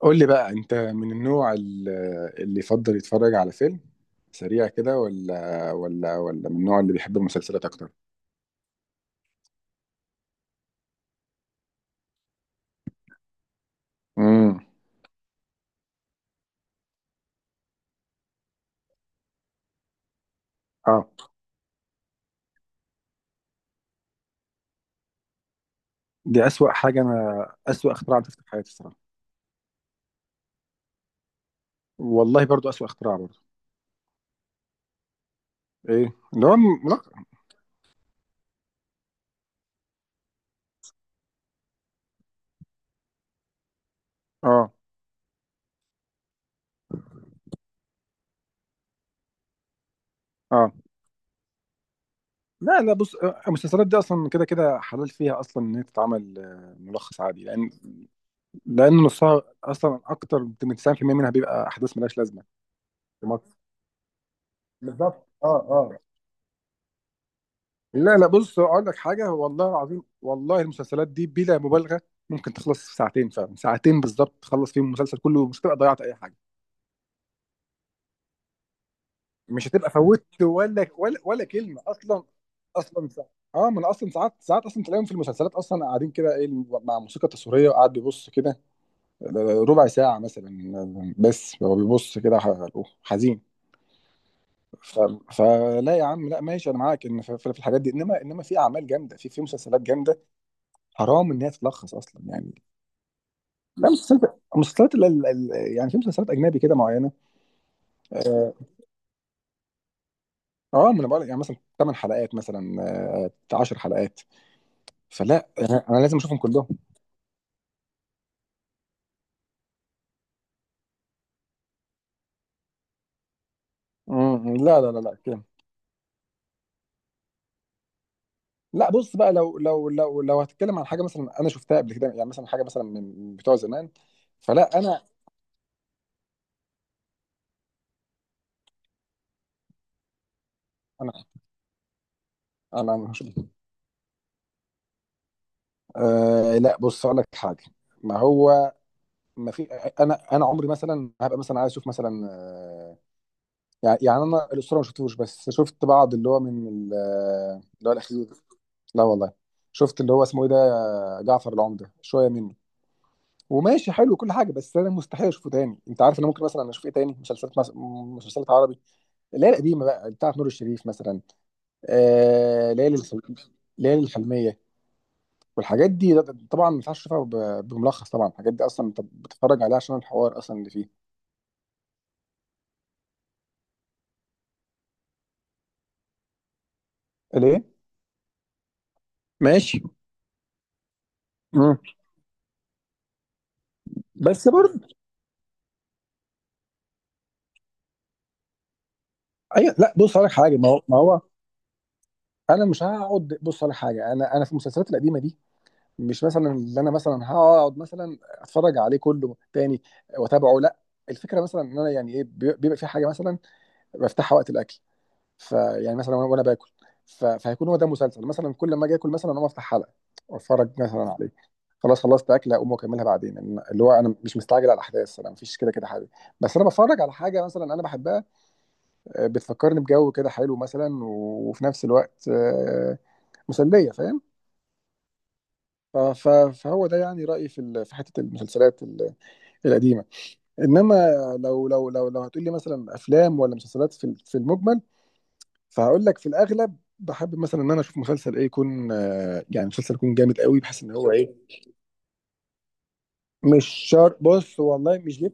قول لي بقى، انت من النوع اللي يفضل يتفرج على فيلم سريع كده، ولا من النوع اللي بيحب المسلسلات اكتر؟ امم اه دي اسوأ حاجه، انا اسوأ اختراع عملته في حياتي الصراحه. والله برضو اسوأ اختراع برضو. ايه اللي هو لا. اه، اه، لا، لا، بص، المسلسلات دي اصلا كده كده حلال فيها اصلا ان هي تتعمل ملخص عادي، لان نصها اصلا اكتر من 90% منها بيبقى احداث ملهاش لازمه. في مصر بالظبط. اه، اه. لا، لا، بص اقول لك حاجه، والله العظيم، والله المسلسلات دي بلا مبالغه ممكن تخلص في ساعتين، فعلا ساعتين بالظبط تخلص فيهم المسلسل كله، مش هتبقى ضيعت اي حاجه، مش هتبقى فوتت ولا كلمه اصلا. اصلا اه، ما انا اصلا ساعات ساعات اصلا تلاقيهم في المسلسلات اصلا قاعدين كده ايه، مع موسيقى تصويريه، وقاعد بيبص كده ربع ساعه مثلا، بس هو بيبص كده حزين. ف... فلا يا عم، لا ماشي، انا معاك ان في الحاجات دي، انما في اعمال جامده، في مسلسلات جامده حرام ان هي تتلخص اصلا يعني. لا، مسلسلات يعني في مسلسلات اجنبي كده معينه. اه، ما انا بقول يعني مثلا 8 حلقات مثلا، 10 حلقات، فلا أنا لازم اشوفهم كلهم. مم، لا، لا، لا، لا كده. لا بص بقى، لو هتتكلم عن حاجه مثلا انا شفتها قبل كده يعني، مثلا حاجه مثلا من بتوع زمان. فلا انا انا مش. لا بص اقول لك حاجه. ما هو، ما في، انا عمري مثلا هبقى مثلا عايز اشوف مثلا، يعني انا الاسطوره ما شفتوش، بس شفت بعض اللي هو من اللي هو الاخير. لا والله. شفت اللي هو اسمه ايه ده، جعفر العمده، شويه منه وماشي حلو كل حاجه، بس انا مستحيل اشوفه تاني. انت عارف انا ممكن مثلا اشوف ايه تاني؟ مسلسلات مسلسلات عربي اللي هي القديمه بقى بتاعه نور الشريف مثلا، آه... ليالي الخل... ليالي الحلميه والحاجات دي. ده طبعا ما ينفعش تشوفها بملخص طبعا. الحاجات دي اصلا انت بتتفرج عليها عشان الحوار اصلا اللي فيه. ليه؟ ماشي. مم. بس برضه. ايوه، لا بص هقول لك حاجه، ما هو انا مش هقعد بص على حاجه. انا في المسلسلات القديمه دي مش مثلا اللي انا مثلا هقعد مثلا اتفرج عليه كله تاني واتابعه، لا. الفكره مثلا ان انا يعني ايه، بيبقى في حاجه مثلا بفتحها وقت الاكل، فيعني مثلا وأنا باكل، فهيكون هو ده مسلسل مثلا كل ما اجي اكل مثلا اقوم افتح حلقه واتفرج مثلا عليه، خلاص خلصت اكله اقوم واكملها بعدين. اللي هو انا مش مستعجل على الاحداث، انا مفيش كده كده حاجه، بس انا بتفرج على حاجه مثلا انا بحبها، بتفكرني بجو كده حلو مثلا، وفي نفس الوقت مسليه، فاهم؟ ف- ف- فهو ده يعني رأيي في في حتة المسلسلات القديمة. انما لو هتقول لي مثلا افلام ولا مسلسلات في المجمل، فهقول لك في الاغلب بحب مثلا ان انا اشوف مسلسل، ايه يكون؟ يعني مسلسل يكون جامد قوي بحيث ان هو ايه، مش شر. بص، والله مش جيب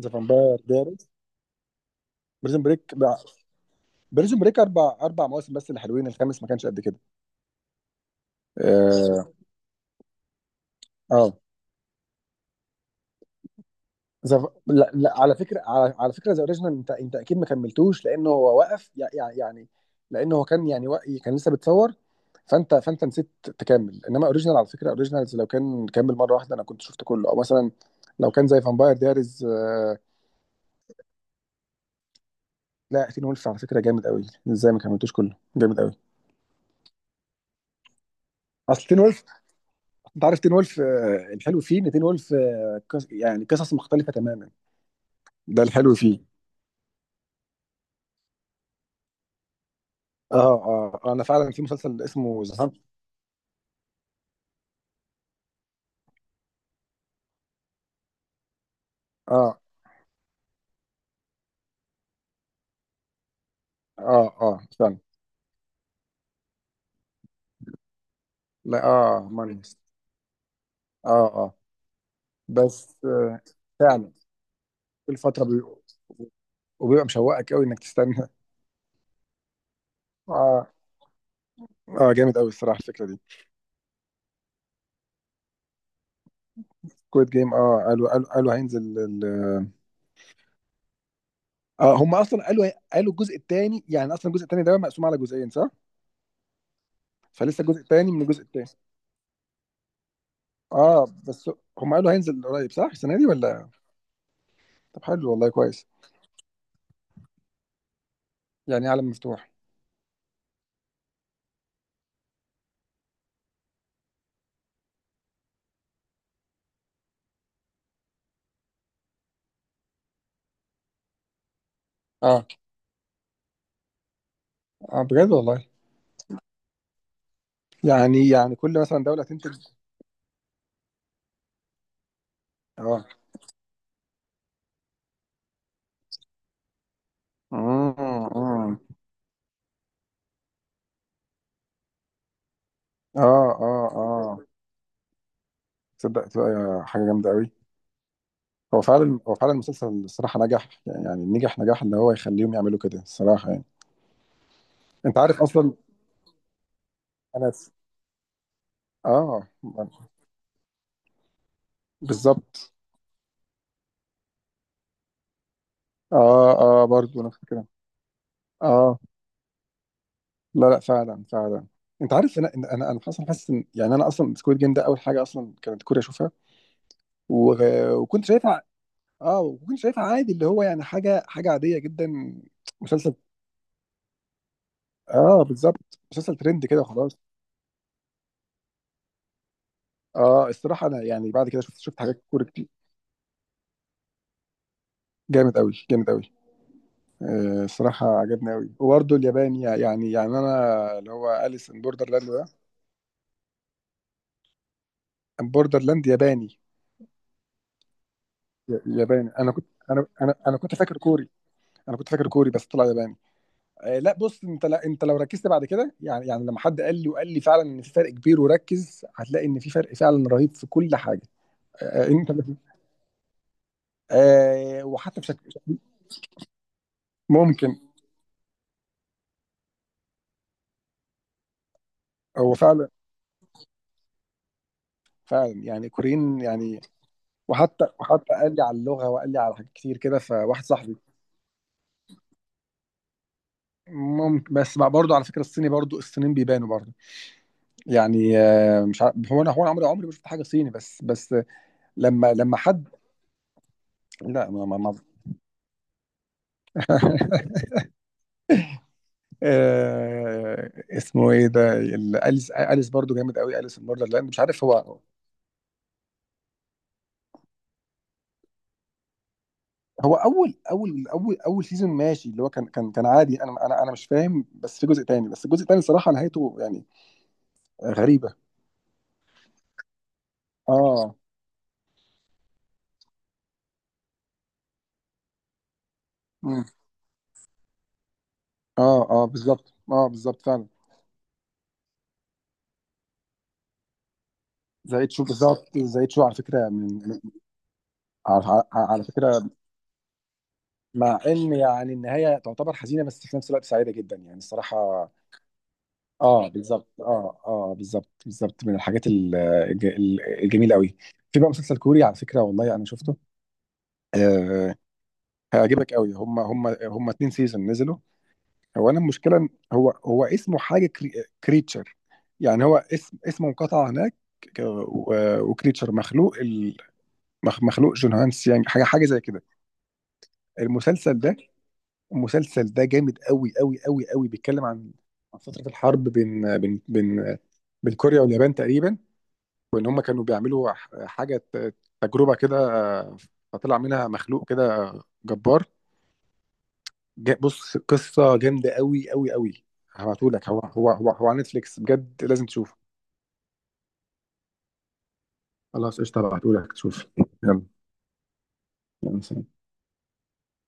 ذا فامباير دايرز، بريزون بريك. بريزون بريك اربع مواسم بس اللي حلوين، الخامس ما كانش قد كده. اه. آه. لا، لا على فكره، على فكره، ذا اوريجينال انت اكيد ما كملتوش لانه هو وقف، يعني لانه هو كان يعني كان لسه بتصور. فانت نسيت تكمل، انما اوريجينال على فكره، اوريجينالز لو كان كمل مره واحده انا كنت شفت كله، او مثلا لو كان زي فامباير دايريز لا، تين وولف على فكره جامد قوي، ازاي ما كملتوش كله؟ جامد قوي. اصل تين وولف، انت عارف تين وولف الحلو فيه ان تين وولف يعني قصص مختلفه تماما، ده الحلو فيه. اه، اه، انا فعلا في مسلسل اسمه ذا. اه، اه، اه فعلا. لا، اه، مانيس. اه، اه، بس آه، فعلا. كل فتره وبيبقى مشوقك قوي انك تستنى. اه. اه جامد قوي الصراحه الفكره دي. كويت جيم، اه قالوا هينزل اه، هم اصلا قالوا الجزء الثاني، يعني اصلا الجزء الثاني ده مقسوم على جزئين صح؟ فلسه الجزء الثاني من الجزء الثاني. اه بس. هم قالوا هينزل قريب صح، السنه دي ولا؟ طب حلو والله، كويس. يعني عالم مفتوح؟ اه، اه بجد والله. يعني كل مثلا دوله تنتج. اه، امم امم اه، اه، اه تصدق تبقى حاجه جامده قوي. هو فعلا المسلسل الصراحه نجح، يعني نجح نجاح اللي هو يخليهم يعملوا كده الصراحه يعني. انت عارف اصلا، انا اه بالظبط. اه، اه برضه نفس الكلام. اه، لا، لا فعلا فعلا. انت عارف، انا اصلا حاسس ان يعني انا اصلا سكويد جيم ده اول حاجه اصلا كانت كوريا اشوفها، وكنت شايفها. اه وكنت شايفها عادي، اللي هو يعني حاجه عاديه جدا. مسلسل اه. بالظبط، مسلسل ترند كده وخلاص. اه الصراحه انا يعني بعد كده شفت حاجات كوري كتير. جامد قوي، جامد قوي. الصراحه عجبني قوي، وبرده الياباني يعني انا اللي هو اليس ان بوردرلاند ده، بوردرلاند ياباني. ياباني، انا كنت، انا كنت فاكر كوري. انا كنت فاكر كوري بس طلع ياباني. لا بص، انت، لا انت لو ركزت بعد كده يعني لما حد قال لي وقال لي فعلا ان في فرق كبير، وركز هتلاقي ان في فرق فعلا رهيب في كل حاجه. آه انت. وحتى في ممكن. هو فعلا، فعلا يعني كوريين يعني. وحتى قال لي على اللغه، وقال لي على حاجات كتير كده فواحد صاحبي. ممكن بس بقى برضه، على فكره الصيني برضه الصينيين بيبانوا برضه. يعني مش عارف، هو انا عمري ما شفت حاجه صيني بس لما حد. لا، ما. اسمه ايه ده، اليس برضه جامد قوي، اليس الموردر، لان مش عارف هو. هو اول سيزون ماشي، اللي هو كان عادي. انا مش فاهم، بس في جزء تاني، بس الجزء التاني صراحه نهايته يعني غريبه. اه. مم. اه، اه بالظبط، اه بالظبط فعلا. زائد شو بالظبط، زائد شو على فكره، من على على فكره مع ان يعني النهايه تعتبر حزينه بس في نفس الوقت سعيده جدا، يعني الصراحه. اه بالظبط. اه، اه بالظبط من الحاجات الجميله قوي. في بقى مسلسل كوري على فكره، والله انا شفته، آه هيعجبك قوي. هم اتنين سيزون نزلوا. هو انا المشكله إن هو اسمه حاجه كريتشر، يعني هو اسمه انقطع هناك، وكريتشر مخلوق. مخلوق جون هانس، يعني حاجه حاجه زي كده. المسلسل ده، المسلسل ده جامد قوي قوي قوي قوي، بيتكلم عن فتره الحرب بين كوريا واليابان تقريبا. وان هم كانوا بيعملوا حاجه تجربه كده، آه، فطلع منها مخلوق كده جبار. بص قصه جامده قوي قوي قوي. هبعتهولك، هو على نتفليكس، بجد لازم تشوفه. خلاص قشطه، هبعتهولك تشوف. يلا. يلا سلام.